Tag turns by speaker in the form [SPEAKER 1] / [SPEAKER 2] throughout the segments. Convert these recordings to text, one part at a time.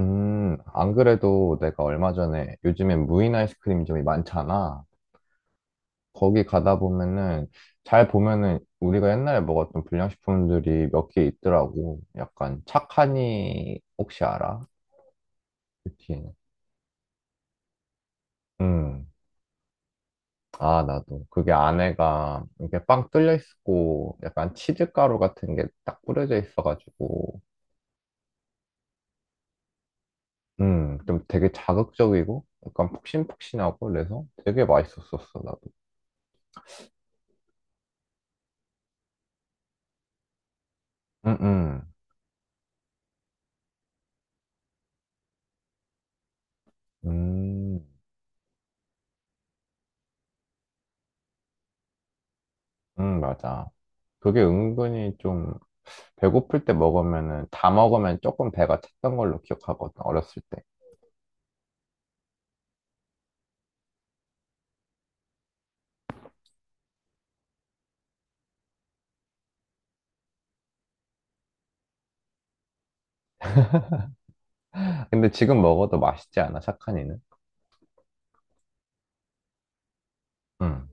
[SPEAKER 1] 안 그래도 내가 얼마 전에 요즘엔 무인 아이스크림점이 많잖아. 거기 가다 보면은 잘 보면은 우리가 옛날에 먹었던 불량식품들이 몇 개 있더라고. 약간 착하니 혹시 알아? 그치? 음. 아, 나도. 그게 안에가 이렇게 빵 뚫려 있고 약간 치즈가루 같은 게 딱 뿌려져 있어가지고 좀 되게 자극적이고 약간 폭신폭신하고 그래서 되게 맛있었었어, 나도. 음, 음. 음. 맞아. 그게 은근히 좀 배고플 때 먹으면은 다 먹으면 조금 배가 찼던 걸로 기억하거든, 어렸을 때. 근데 지금 먹어도 맛있지 않아, 착한이는? 응,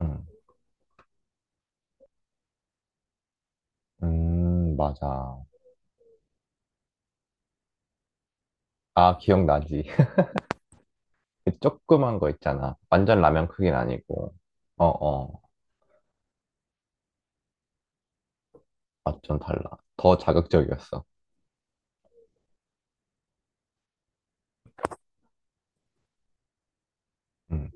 [SPEAKER 1] 응. 맞아. 아, 기억나지. 그 조그만 거 있잖아. 완전 라면 크긴 아니고. 어, 어. 완전 달라. 더 자극적이었어. 응.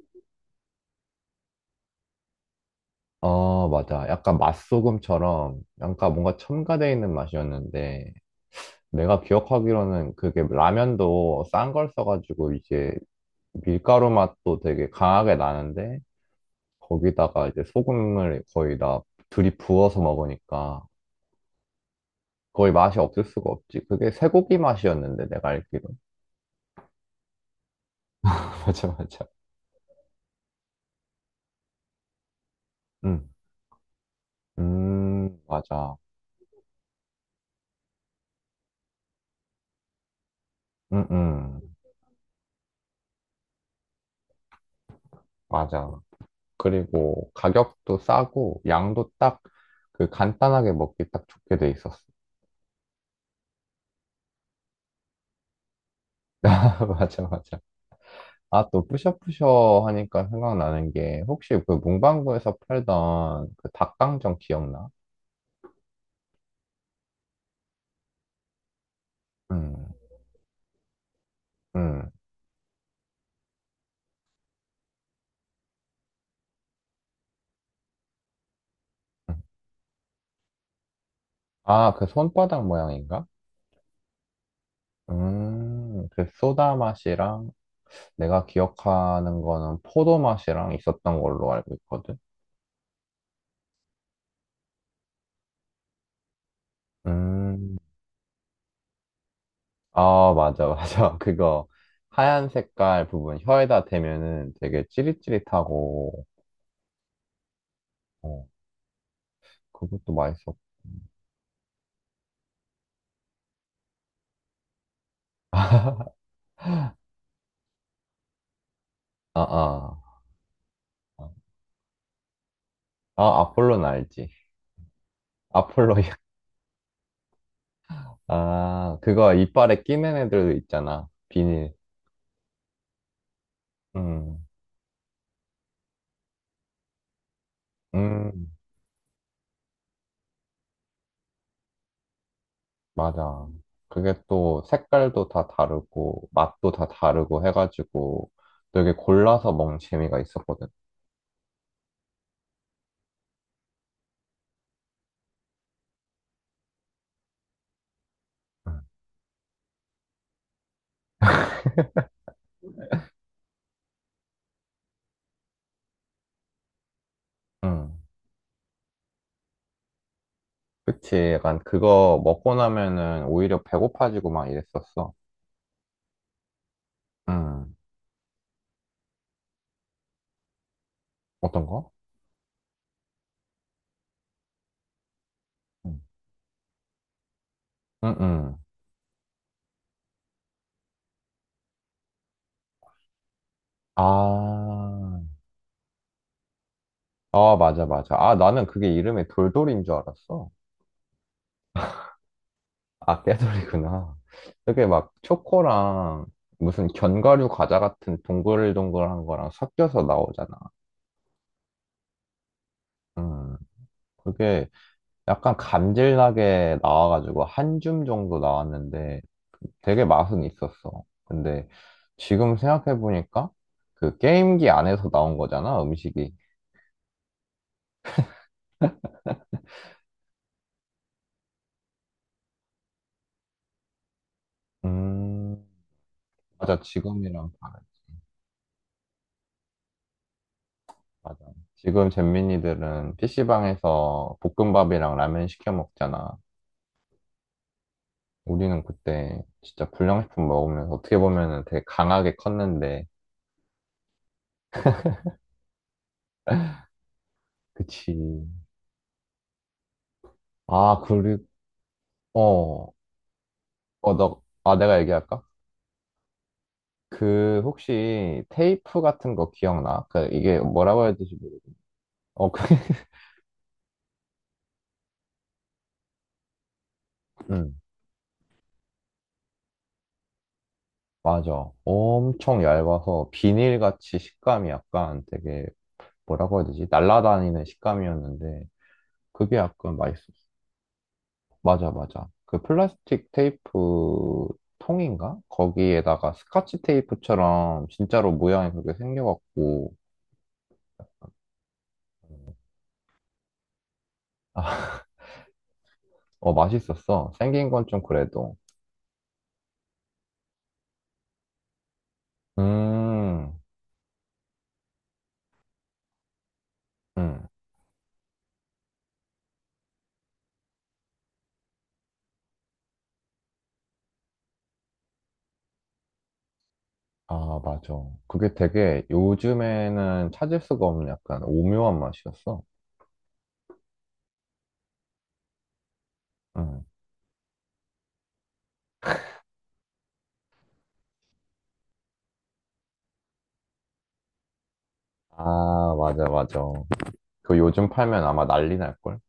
[SPEAKER 1] 어, 맞아. 약간 맛소금처럼, 약간 뭔가 첨가돼 있는 맛이었는데, 내가 기억하기로는 그게 라면도 싼 걸 써가지고 이제 밀가루 맛도 되게 강하게 나는데 거기다가 이제 소금을 거의 다 들이 부어서 먹으니까 거의 맛이 없을 수가 없지. 그게 쇠고기 맛이었는데 내가 알기로. 맞아, 맞아. 음. 맞아. 응, 응. 맞아. 그리고 가격도 싸고 양도 딱 그 간단하게 먹기 딱 좋게 돼 있었어. 맞아, 맞아. 아, 또 뿌셔뿌셔 하니까 생각나는 게 혹시 그 문방구에서 팔던 그 닭강정 기억나? 음, 음. 음. 아, 그 손바닥 모양인가? 그 소다 맛이랑 내가 기억하는 거는 포도 맛이랑 있었던 걸로 알고 있거든. 음, 아, 맞아, 맞아. 그거 하얀 색깔 부분 혀에다 대면은 되게 찌릿찌릿하고, 어, 그것도 맛있었고. 아, 아. 아, 아폴는 알지? 아폴로야. 아, 그거 이빨에 끼는 애들 있잖아. 비닐. 음, 음, 맞아. 그게 또 색깔도 다 다르고, 맛도 다 다르고 해가지고 되게 골라서 먹는 재미가 있었거든. 음, 음. 그치. 약간 그거 먹고 나면은 오히려 배고파지고 막 이랬었어. 음. 어떤 거? 응. 음. 음. 아, 아, 맞아, 맞아. 아, 나는 그게 이름이 돌돌인 줄 알았어. 아, 깨돌이구나. 그게막 초코랑 무슨 견과류 과자 같은 동글동글한 거랑 섞여서 나오잖아. 음, 그게 약간 감질나게 나와가지고 한줌 정도 나왔는데 되게 맛은 있었어. 근데 지금 생각해보니까 그 게임기 안에서 나온 거잖아, 음식이. 음, 맞아. 지금이랑 다르 맞아. 지금 잼민이들은 PC방에서 볶음밥이랑 라면 시켜 먹잖아. 우리는 그때 진짜 불량식품 먹으면서 어떻게 보면은 되게 강하게 컸는데, 그치. 아, 그리고, 어, 어, 내가 얘기할까? 그, 혹시 테이프 같은 거 기억나? 그, 이게 뭐라고 해야 되지? 어, 그, 응, 맞아. 엄청 얇아서 비닐같이 식감이 약간 되게, 뭐라고 해야 되지? 날라다니는 식감이었는데, 그게 약간 맛있어. 맞아, 맞아. 그 플라스틱 테이프 통인가? 거기에다가 스카치 테이프처럼 진짜로 모양이 그렇게 생겨갖고, 아, 어, 맛있었어. 생긴 건 좀 그래도. 음, 음. 아, 맞아. 그게 되게 요즘에는 찾을 수가 없는 약간 오묘한 맛이었어. 음. 아, 맞아, 맞아. 그 요즘 팔면 아마 난리 날걸?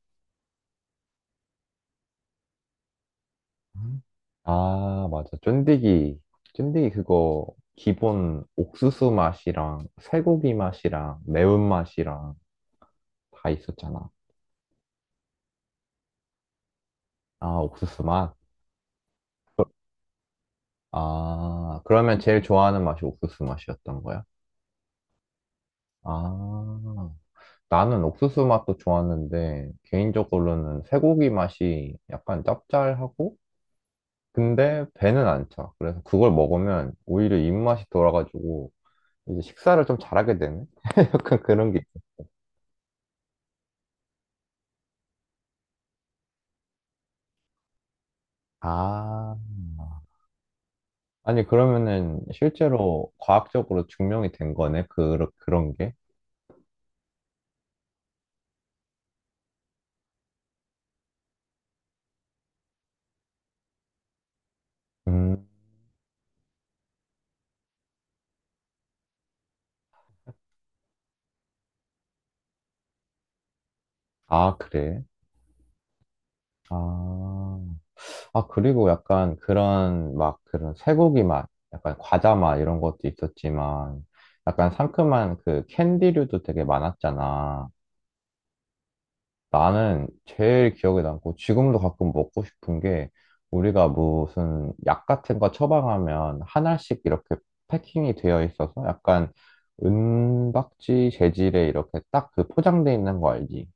[SPEAKER 1] 음. 아, 맞아. 쫀디기. 쫀디기 그거 기본 옥수수 맛이랑 쇠고기 맛이랑 매운맛이랑 다 있었잖아. 아, 옥수수 맛? 아, 그러면 제일 좋아하는 맛이 옥수수 맛이었던 거야? 아, 나는 옥수수 맛도 좋았는데 개인적으로는 쇠고기 맛이 약간 짭짤하고 근데 배는 안 차. 그래서 그걸 먹으면 오히려 입맛이 돌아가지고 이제 식사를 좀 잘하게 되는? 약간 그런 게 아, 아니, 그러면은 실제로 과학적으로 증명이 된 거네? 그, 그런 게? 음, 아, 그래? 아, 아, 그리고 약간 그런, 막, 그런 쇠고기 맛, 약간 과자 맛 이런 것도 있었지만, 약간 상큼한 그 캔디류도 되게 많았잖아. 나는 제일 기억에 남고 지금도 가끔 먹고 싶은 게 우리가 무슨 약 같은 거 처방하면 하나씩 이렇게 패킹이 되어 있어서 약간 은박지 재질에 이렇게 딱 그 포장돼 있는 거 알지?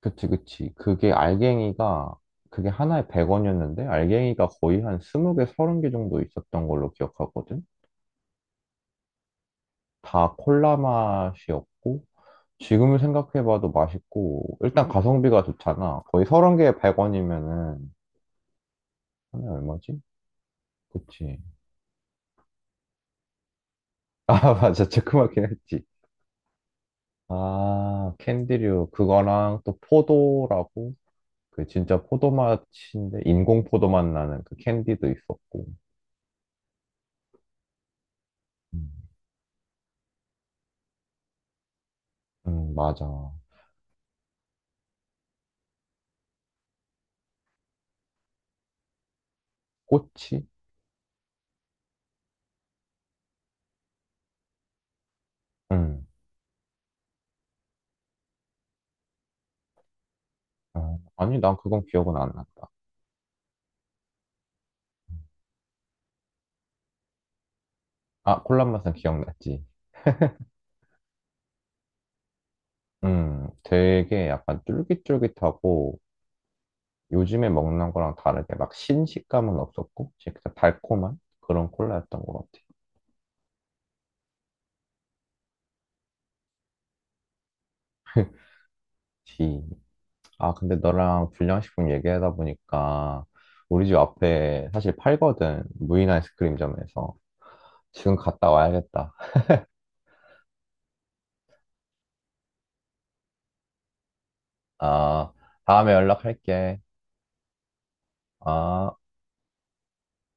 [SPEAKER 1] 그치, 그치. 그게 하나에 100원이었는데 알갱이가 거의 한 20개, 30개 정도 있었던 걸로 기억하거든. 다 콜라 맛이었고, 지금 생각해봐도 맛있고, 일단 가성비가 좋잖아. 거의 서른 개에 100원이면은, 하나에 얼마지? 그치. 아, 맞아. 체크마긴 했지. 아, 캔디류. 그거랑 또 포도라고. 그 진짜 포도 맛인데, 인공 포도 맛 나는 그 캔디도 있었고. 음, 맞아. 꼬치? 응. 어, 아니, 난 그건 기억은 안 났다. 아, 콜라 맛은 기억났지. 되게 약간 쫄깃쫄깃하고 요즘에 먹는 거랑 다르게 막 신식감은 없었고 진짜 달콤한 그런 콜라였던 것 같아. 지. 아, 근데 너랑 불량식품 얘기하다 보니까 우리 집 앞에 사실 팔거든. 무인 아이스크림점에서. 지금 갔다 와야겠다. 아, 다음에 연락할게. 아.